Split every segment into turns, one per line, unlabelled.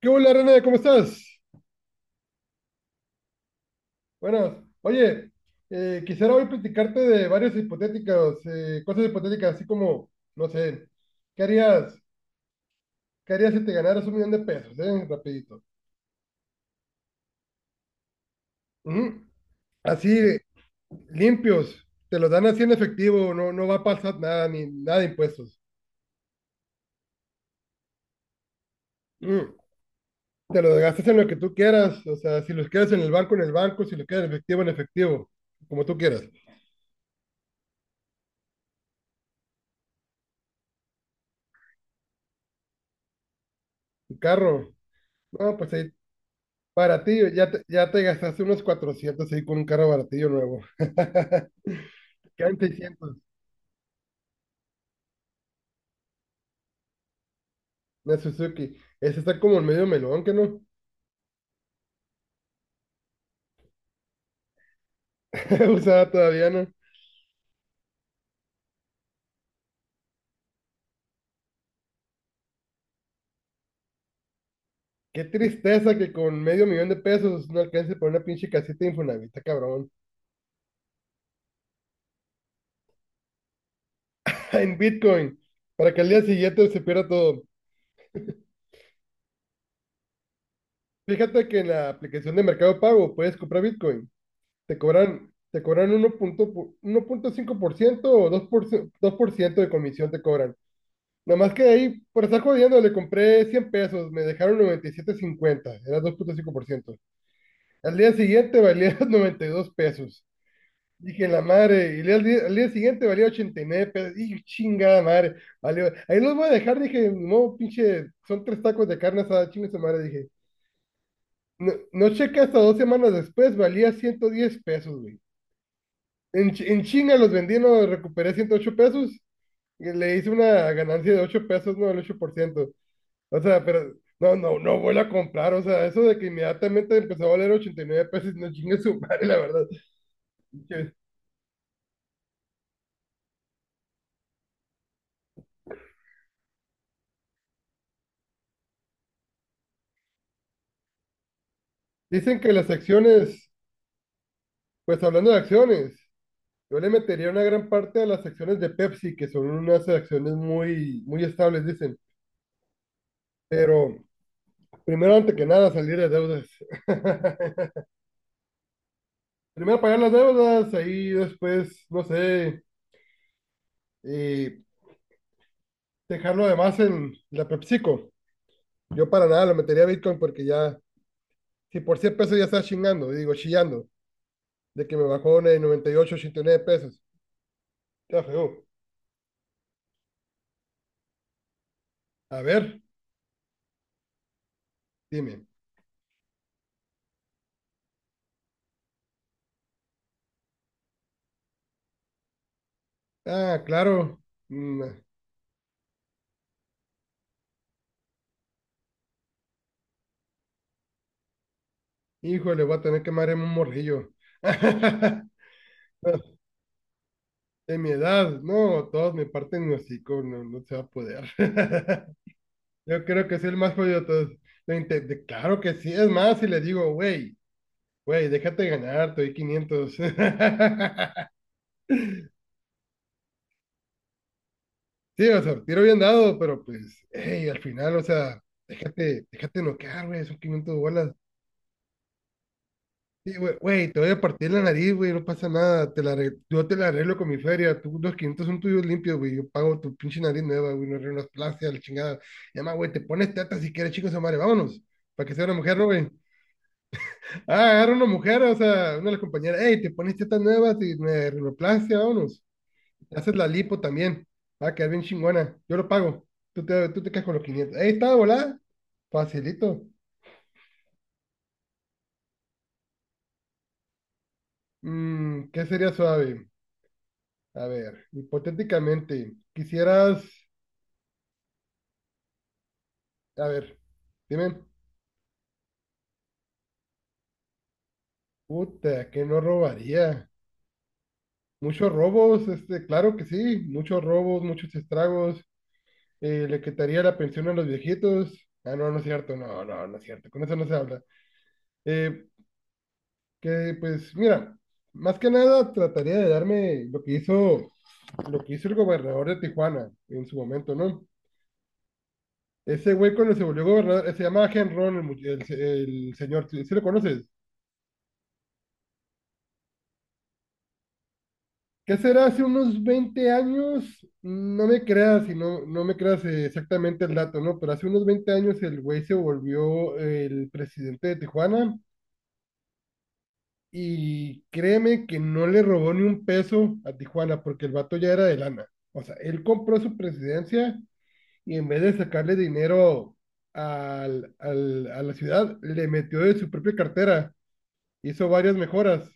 ¿Qué hola, René? ¿Cómo estás? Buenas. Oye, quisiera hoy platicarte de varias hipotéticas, cosas hipotéticas, así como, no sé, ¿qué harías, qué harías si te ganaras 1 millón de pesos, eh? Rapidito. Ujú. Así, limpios, te los dan así en efectivo, no, no va a pasar nada, ni nada de impuestos. Ujú. Te los gastas en lo que tú quieras, o sea, si los quieres en el banco, si los quieres en efectivo, como tú quieras. Tu carro, no, pues ahí baratillo, ya te gastaste unos 400 ahí con un carro baratillo nuevo. Quedan 600, una Suzuki. Ese está como el medio melón, ¿que no? Usada todavía, ¿no? Qué tristeza que con medio millón de pesos no alcance para una pinche casita de Infonavit, cabrón. En Bitcoin, para que al día siguiente se pierda todo. Fíjate que en la aplicación de Mercado Pago puedes comprar Bitcoin. Te cobran 1.5% o dos por ciento, 2% de comisión te cobran. Nada más que de ahí, por estar jodiendo, le compré 100 pesos, me dejaron 97.50, era 2.5%. Al día siguiente valía 92 pesos. Dije, la madre, al día siguiente valía 89 pesos. Y chingada madre, valió. Ahí los voy a dejar, dije, no, pinche, son tres tacos de carne asada, chingue su madre, dije. No, no chequé hasta 2 semanas después, valía 110 pesos, güey. En chinga los vendí, no, recuperé 108 pesos. Y le hice una ganancia de 8 pesos, no, el 8%. O sea, pero no, no, no vuelvo a comprar. O sea, eso de que inmediatamente empezó a valer 89 pesos, no chingue su madre, la verdad. Que Dicen que las acciones, pues hablando de acciones, yo le metería una gran parte a las acciones de Pepsi, que son unas acciones muy, muy estables, dicen. Pero primero, antes que nada, salir de deudas. Primero pagar las deudas, ahí después, no sé, eh, dejarlo además en la PepsiCo. Yo para nada lo metería a Bitcoin porque ya. Si por 100 pesos ya estás chingando, digo, chillando, de que me bajó de 98, 89 pesos. Ya feo. A ver, dime. Ah, claro. Mm, Híjole, voy a tener que marearme un morrillo. De mi edad, no, todos me parten los hocico, no, no se va a poder. Yo creo que soy el más jodido de todos. Claro que sí, es más, si le digo, güey, déjate ganar, te doy 500. Sí, o sea, tiro bien dado, pero pues, hey, al final, o sea, déjate noquear, güey, son 500 bolas. Sí, güey, te voy a partir la nariz, güey, no pasa nada, yo te la arreglo con mi feria, tú, los 500 son tuyos limpios, güey, yo pago tu pinche nariz nueva, güey, no arreglo las la chingada. Y además, güey, te pones teta si quieres, chicos, madre, vámonos, para que sea una mujer, ¿no, güey? Ah, agarra una mujer, o sea, una de las compañeras, hey, te pones tetas nuevas y me arreglo vámonos. Le haces la lipo también. Va a quedar bien chingona. Yo lo pago. Tú te quedas con los 500. Ahí está, volá. Facilito. ¿Qué sería suave? A ver, hipotéticamente, quisieras. A ver, dime. Puta, que no robaría. Muchos robos, claro que sí. Muchos robos, muchos estragos. Le quitaría la pensión a los viejitos. Ah, no, no es cierto. No, no, no es cierto. Con eso no se habla. Eh, Que pues, mira, más que nada trataría de darme lo que hizo, el gobernador de Tijuana en su momento, ¿no? Ese güey cuando se volvió gobernador, se llama Henron, el, mu- el, se- el señor, ¿si lo conoces? ¿Qué será? Hace unos 20 años, no me creas, y no, no me creas exactamente el dato, ¿no? Pero hace unos 20 años el güey se volvió el presidente de Tijuana y créeme que no le robó ni un peso a Tijuana porque el vato ya era de lana. O sea, él compró su presidencia y en vez de sacarle dinero a la ciudad, le metió de su propia cartera, hizo varias mejoras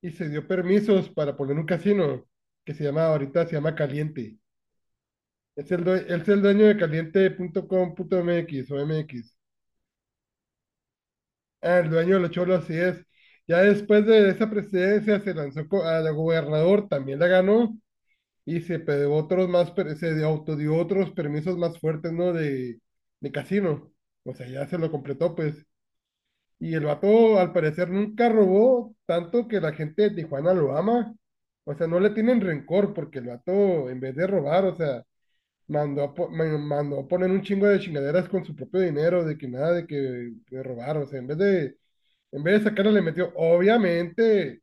y se dio permisos para poner un casino que se llama ahorita, se llama Caliente. Es el dueño de caliente punto com caliente.com.mx o MX. Ah, el dueño de los cholos, así es. Ya después de esa presidencia se lanzó a la gobernador, también la ganó y se pegó otros más, autodió otros permisos más fuertes, ¿no? De casino. O sea, ya se lo completó, pues. Y el vato, al parecer, nunca robó tanto que la gente de Tijuana lo ama. O sea, no le tienen rencor porque el vato, en vez de robar, o sea, mandó a poner un chingo de chingaderas con su propio dinero, de que nada, de que de robar. O sea, en vez de sacarle, le metió, obviamente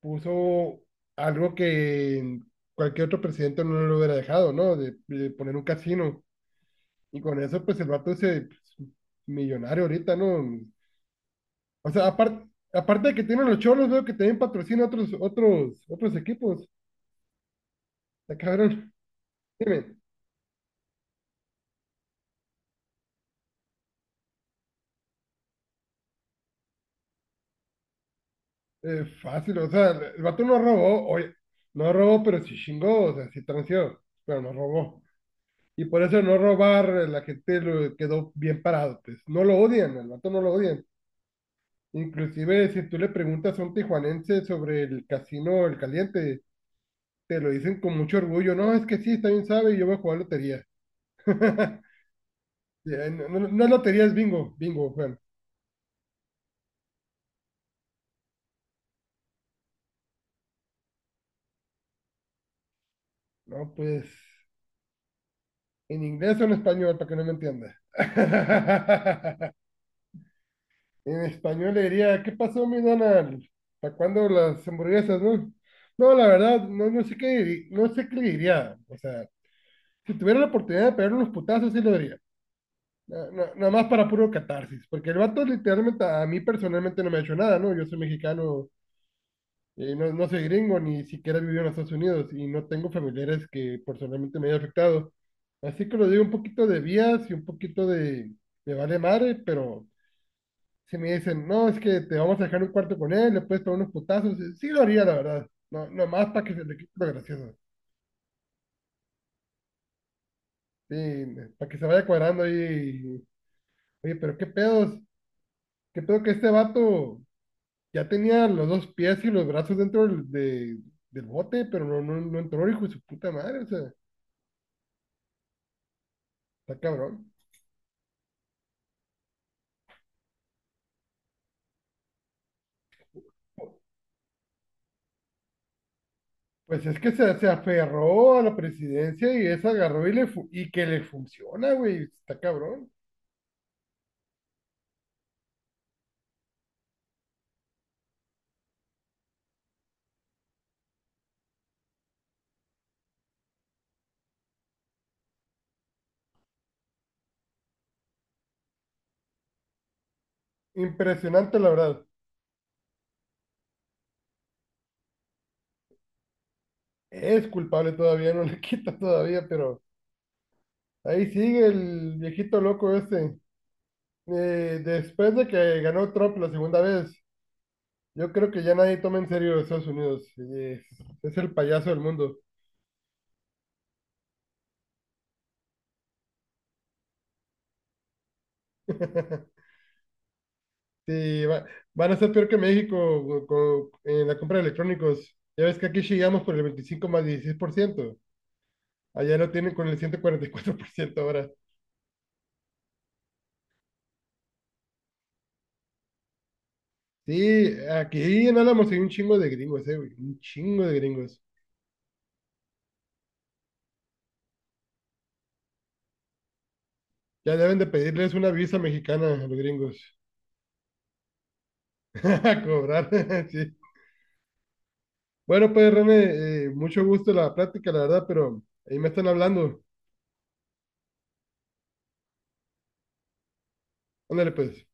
puso algo que cualquier otro presidente no lo hubiera dejado, ¿no? De poner un casino. Y con eso, pues el vato es pues, millonario ahorita, ¿no? O sea, aparte de que tienen los cholos, veo que también patrocina otros equipos. La cabrón, dime, fácil, o sea, el vato no robó, oye, no robó, pero sí chingó, o sea, sí transió, pero no robó. Y por eso no robar, la gente lo quedó bien parado, pues no lo odian, el vato no lo odian. Inclusive si tú le preguntas a un tijuanense sobre el casino El Caliente, te lo dicen con mucho orgullo. No, es que sí, está bien sabe y yo voy a jugar lotería. Ya, no, no, no es lotería, es bingo, bingo, Juan. No, pues en inglés o en español, para que no me entienda. En español le diría, ¿qué pasó, mi Donald? ¿Para cuándo las hamburguesas, no? No, la verdad, no, no sé qué le diría. O sea, si tuviera la oportunidad de pegarle unos putazos, sí lo nada más para puro catarsis, porque el vato literalmente a mí personalmente no me ha hecho nada, ¿no? Yo soy mexicano, no, no soy gringo, ni siquiera he vivido en los Estados Unidos y no tengo familiares que personalmente me haya afectado. Así que lo digo un poquito de vías y un poquito de vale madre, pero si me dicen, no, es que te vamos a dejar un cuarto con él, le puedes pegar unos putazos, sí lo haría, la verdad. No, nomás para que se le quite lo gracioso. Sí, para que se vaya cuadrando ahí. Oye, pero qué pedos, qué pedo que este vato ya tenía los dos pies y los brazos dentro del bote, pero no, no, no entró, hijo de su puta madre, o sea, está cabrón. Pues es que se aferró a la presidencia y eso agarró y que le funciona, güey, está cabrón. Impresionante, la verdad. Es culpable todavía, no le quita todavía, pero ahí sigue el viejito loco ese. Después de que ganó Trump la segunda vez, yo creo que ya nadie toma en serio a Estados Unidos. Es el payaso del mundo. Sí, van a ser peor que México en la compra de electrónicos. Ya ves que aquí llegamos por el 25 más 16%. Allá lo tienen con el 144% ahora. Sí, aquí en Álamos hay un chingo de gringos, güey, un chingo de gringos. Ya deben de pedirles una visa mexicana a los gringos. A cobrar, sí. Bueno, pues René, mucho gusto la plática, la verdad, pero ahí me están hablando. Ándale, pues.